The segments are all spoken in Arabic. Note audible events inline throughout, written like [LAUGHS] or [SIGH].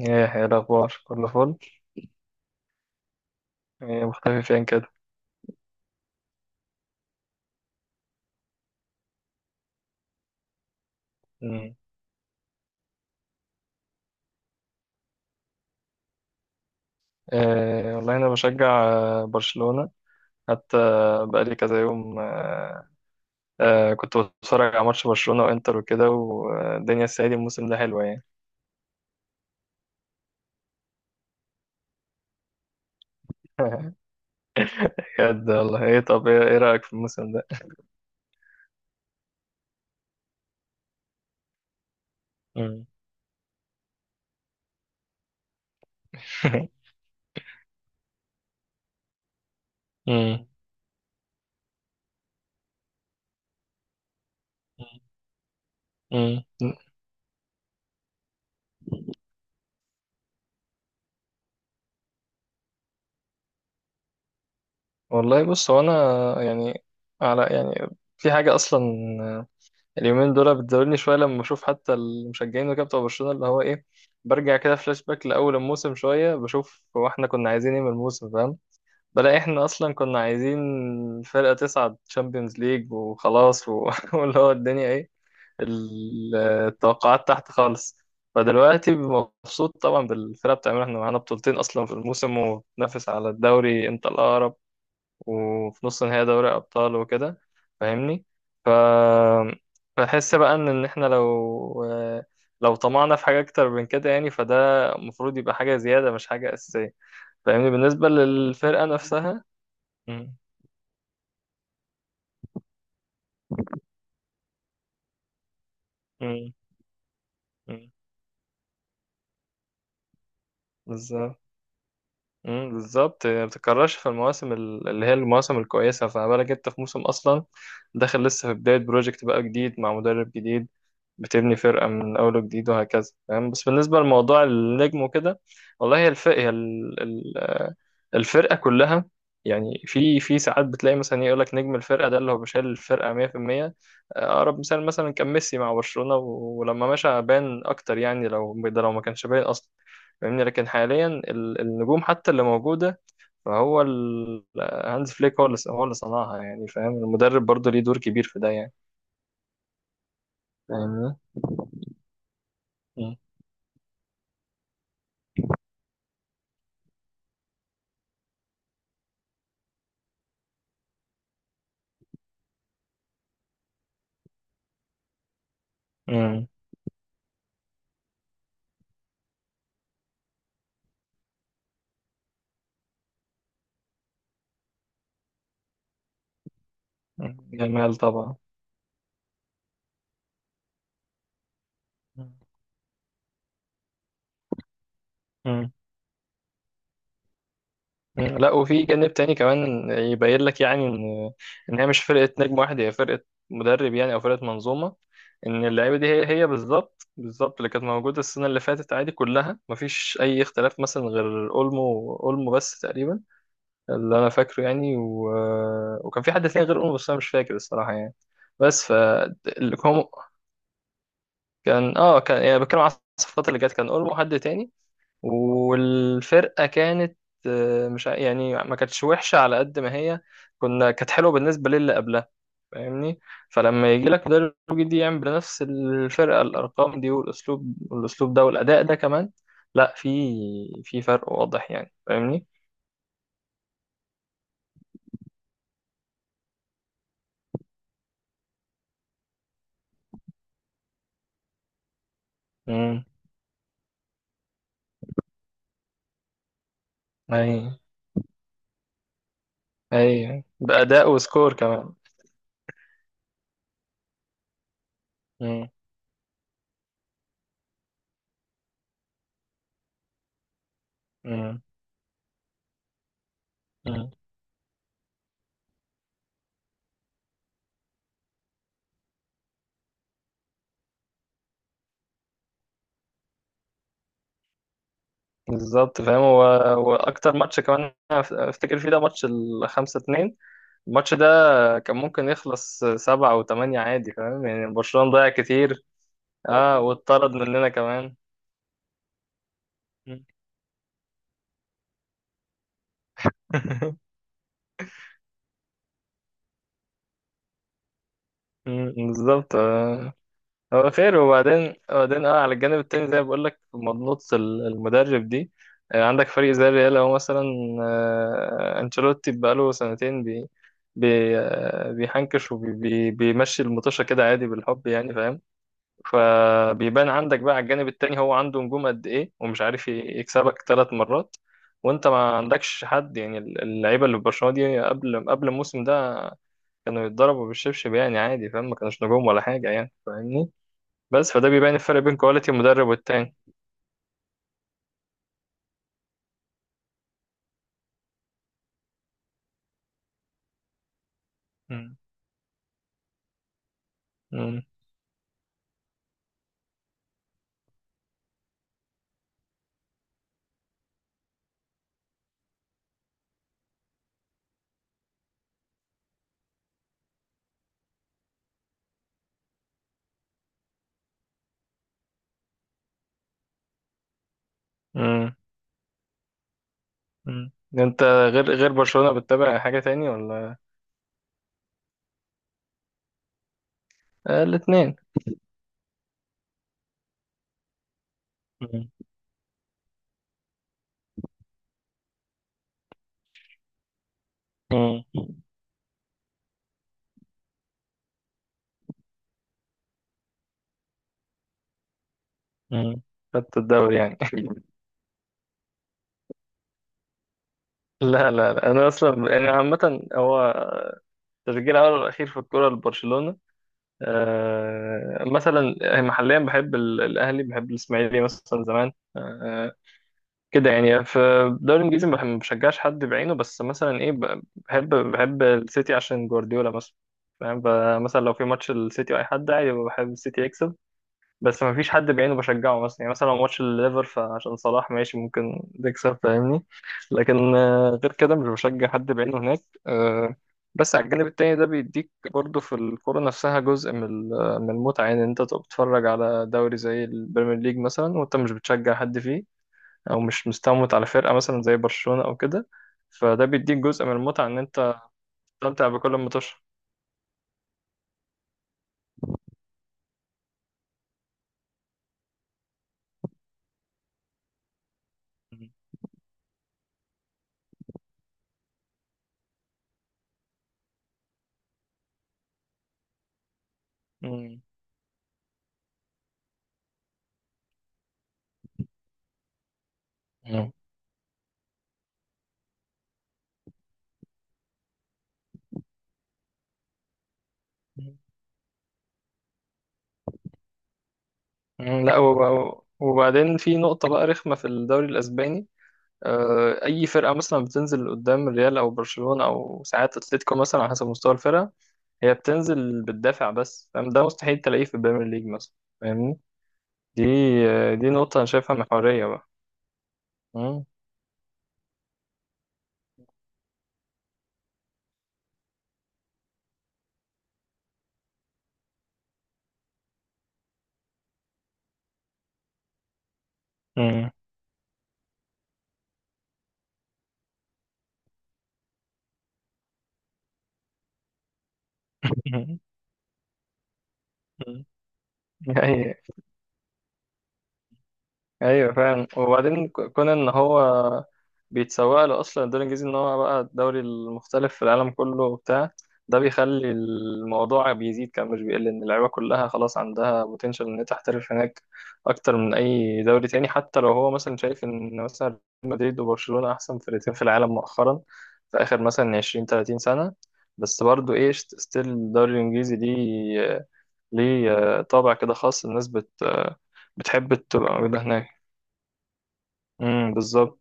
ايه إيه الاخبار كله فل. إيه مختفي فين كده؟ مم. إيه، والله انا بشجع برشلونة حتى. بقالي كذا يوم كنت بتفرج على ماتش برشلونة وانتر وكده، والدنيا السعيدة، الموسم ده حلوة يعني. [LAUGHS] بجد والله، ايه طب، ايه رأيك في الموسم ده؟ مم. [LAUGHS] مم. مم. والله بص، هو انا يعني، على يعني، في حاجة اصلا اليومين دول بتزودني شويه، لما بشوف حتى المشجعين وكده بتوع برشلونه، اللي هو ايه، برجع كده فلاش باك لاول الموسم شويه، بشوف هو احنا كنا عايزين ايه من الموسم. فاهم، بلاقي احنا اصلا كنا عايزين فرقه تصعد تشامبيونز ليج وخلاص [LAUGHS] واللي هو الدنيا ايه، التوقعات تحت خالص. فدلوقتي مبسوط طبعا بالفرقه، بتعملها احنا معانا بطولتين اصلا في الموسم، وبننافس على الدوري انت الاقرب، وفي نص نهائي دوري أبطال وكده. فاهمني؟ ف بحس بقى إن إحنا لو طمعنا في حاجة أكتر من كده، يعني فده المفروض يبقى حاجة زيادة مش حاجة أساسية. فاهمني؟ بالنسبة للفرقة نفسها. مم. مم. مم. بالظبط. مم. بالظبط ما بتتكررش في المواسم اللي هي المواسم الكويسة، فما بالك أنت في موسم أصلا داخل لسه في بداية بروجكت بقى جديد مع مدرب جديد، بتبني فرقة من أول وجديد، وهكذا. تمام، بس بالنسبة لموضوع النجم وكده، والله هي الفرقة كلها، يعني في ساعات بتلاقي مثلا يقول لك نجم الفرقة ده اللي هو بيشيل الفرقة 100%. أقرب مثال مثلا كان ميسي مع برشلونة، ولما مشى بان أكتر، يعني لو ده لو ما كانش باين أصلا. فاهمني؟ لكن حاليا النجوم حتى اللي موجودة، فهو هانز فليك هو اللي صنعها يعني. فاهم؟ المدرب برضه ليه دور كبير في ده يعني. فاهمني؟ مم. جمال طبعا. مم. مم. لا، وفي جانب تاني كمان يبين لك يعني ان هي مش فرقه نجم واحد، هي فرقه مدرب يعني، او فرقه منظومه. ان اللعيبه دي هي بالظبط بالظبط اللي كانت موجوده السنه اللي فاتت عادي، كلها مفيش اي اختلاف مثلا غير اولمو، اولمو بس تقريبا اللي انا فاكره يعني، وكان في حد تاني غير اولمو، بس انا مش فاكر الصراحه يعني. بس ف اللي هم- كان اه كان يعني بتكلم على الصفقات اللي جت، كان اولمو حد تاني. والفرقة كانت آه، مش ع- يعني ما كانتش وحشة على قد ما هي كانت حلوة بالنسبة للي قبلها. فاهمني؟ فلما يجي لك مدرب جديد يعمل بنفس الفرقة الأرقام دي والأسلوب، والأسلوب ده والأداء ده كمان، لا في، في فرق واضح يعني. فاهمني؟ امم أي، أي بأداء وسكور كمان. امم. امم. أمم. بالظبط فاهم، هو هو أكتر ماتش كمان أنا أفتكر فيه ده ماتش الخمسة اتنين، الماتش ده كان ممكن يخلص سبعة أو تمانية عادي، فاهم يعني برشلونة ضيع كتير. اه، واتطرد مننا كمان. [LAUGHS] مم، بالظبط. هو خير. وبعدين على الجانب التاني، زي ما بقول لك، مضنوط المدرب دي. عندك فريق زي الريال هو مثلا، انشيلوتي بقاله سنتين بي بي آه بيحنكش وبيمشي المطوشة كده عادي بالحب يعني. فاهم؟ فبيبان عندك بقى على الجانب التاني، هو عنده نجوم قد ايه ومش عارف يكسبك ثلاث مرات، وانت ما عندكش حد، يعني اللعيبه اللي في برشلونه دي قبل الموسم ده كانوا يتضربوا بالشبشب يعني عادي، فاهم ما كانوش نجوم ولا حاجه يعني. فاهمني؟ بس فده بيبان الفرق بين كواليتي المدرب والتاني. مم. مم. مم. مم. انت غير برشلونه بتتابع حاجه تاني ولا؟ آه الاثنين. خدت الدوري يعني. [LAUGHS] لا لا لا، انا اصلا انا عامه، هو تشجيع الأول والأخير في الكرة لبرشلونة. مثلا محليا بحب الأهلي، بحب الإسماعيلي مثلا زمان. كده يعني. في الدوري الإنجليزي ما بشجعش حد بعينه، بس مثلا إيه، بحب السيتي عشان جوارديولا مثلا. فاهم؟ مثلا لو في ماتش السيتي وأي حد، عادي بحب السيتي يكسب، بس ما فيش حد بعينه بشجعه مثلا، يعني مثلا لو ماتش الليفر فعشان صلاح ماشي ممكن تكسب. فاهمني؟ لكن غير كده مش بشجع حد بعينه هناك. آه، بس على الجانب التاني ده بيديك برضه في الكورة نفسها جزء من من المتعة، يعني انت تبقى بتتفرج على دوري زي البريمير ليج مثلا وانت مش بتشجع حد فيه، او مش مستموت على فرقة مثلا زي برشلونة او كده، فده بيديك جزء من المتعة ان انت تستمتع بكل متوشة. مم، لا، وبعدين في نقطة بقى رخمة في الدوري الأسباني، أي فرقة مثلا بتنزل قدام الريال أو برشلونة أو ساعات أتلتيكو مثلا على حسب مستوى الفرقة، هي بتنزل بتدافع بس. فاهم؟ ده مستحيل تلاقيه في البريمير ليج مثلا. فاهمني؟ دي دي نقطة أنا شايفها محورية بقى. مم. مم. [LAUGHS] [LAUGHS] أيوه. ايوه فاهم. وبعدين كون ان هو بيتسوق له اصلا الدوري الانجليزي ان هو بقى الدوري المختلف في العالم كله وبتاع، ده بيخلي الموضوع بيزيد كان مش بيقل، ان اللعيبه كلها خلاص عندها بوتنشال ان هي تحترف هناك اكتر من اي دوري تاني، حتى لو هو مثلا شايف ان مثلا ريال مدريد وبرشلونه احسن فرقتين في العالم مؤخرا في اخر مثلا 20 30 سنه، بس برضو ايه، ستيل الدوري الانجليزي ليه، ليه طابع كده خاص. الناس بتحب تبقى موجودة هناك. بالظبط.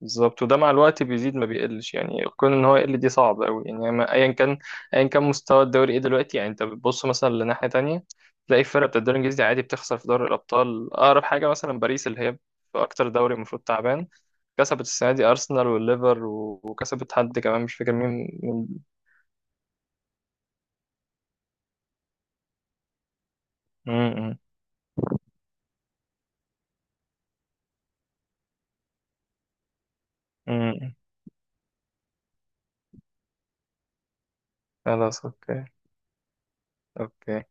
بالظبط، وده مع الوقت بيزيد ما بيقلش يعني، كون ان هو يقل دي صعب قوي يعني. ايا كان ايا كان مستوى الدوري ايه دلوقتي يعني، انت بتبص مثلا لناحيه تانية، تلاقي الفرق بتاع الدوري الانجليزي عادي بتخسر في دوري الابطال. اقرب حاجه مثلا باريس، اللي هي في اكتر دوري المفروض تعبان، كسبت السنه دي ارسنال والليفر، وكسبت حد كمان مش فاكر مين. مين-؟ امم. امم. أمم. خلاص اوكي. اوكي.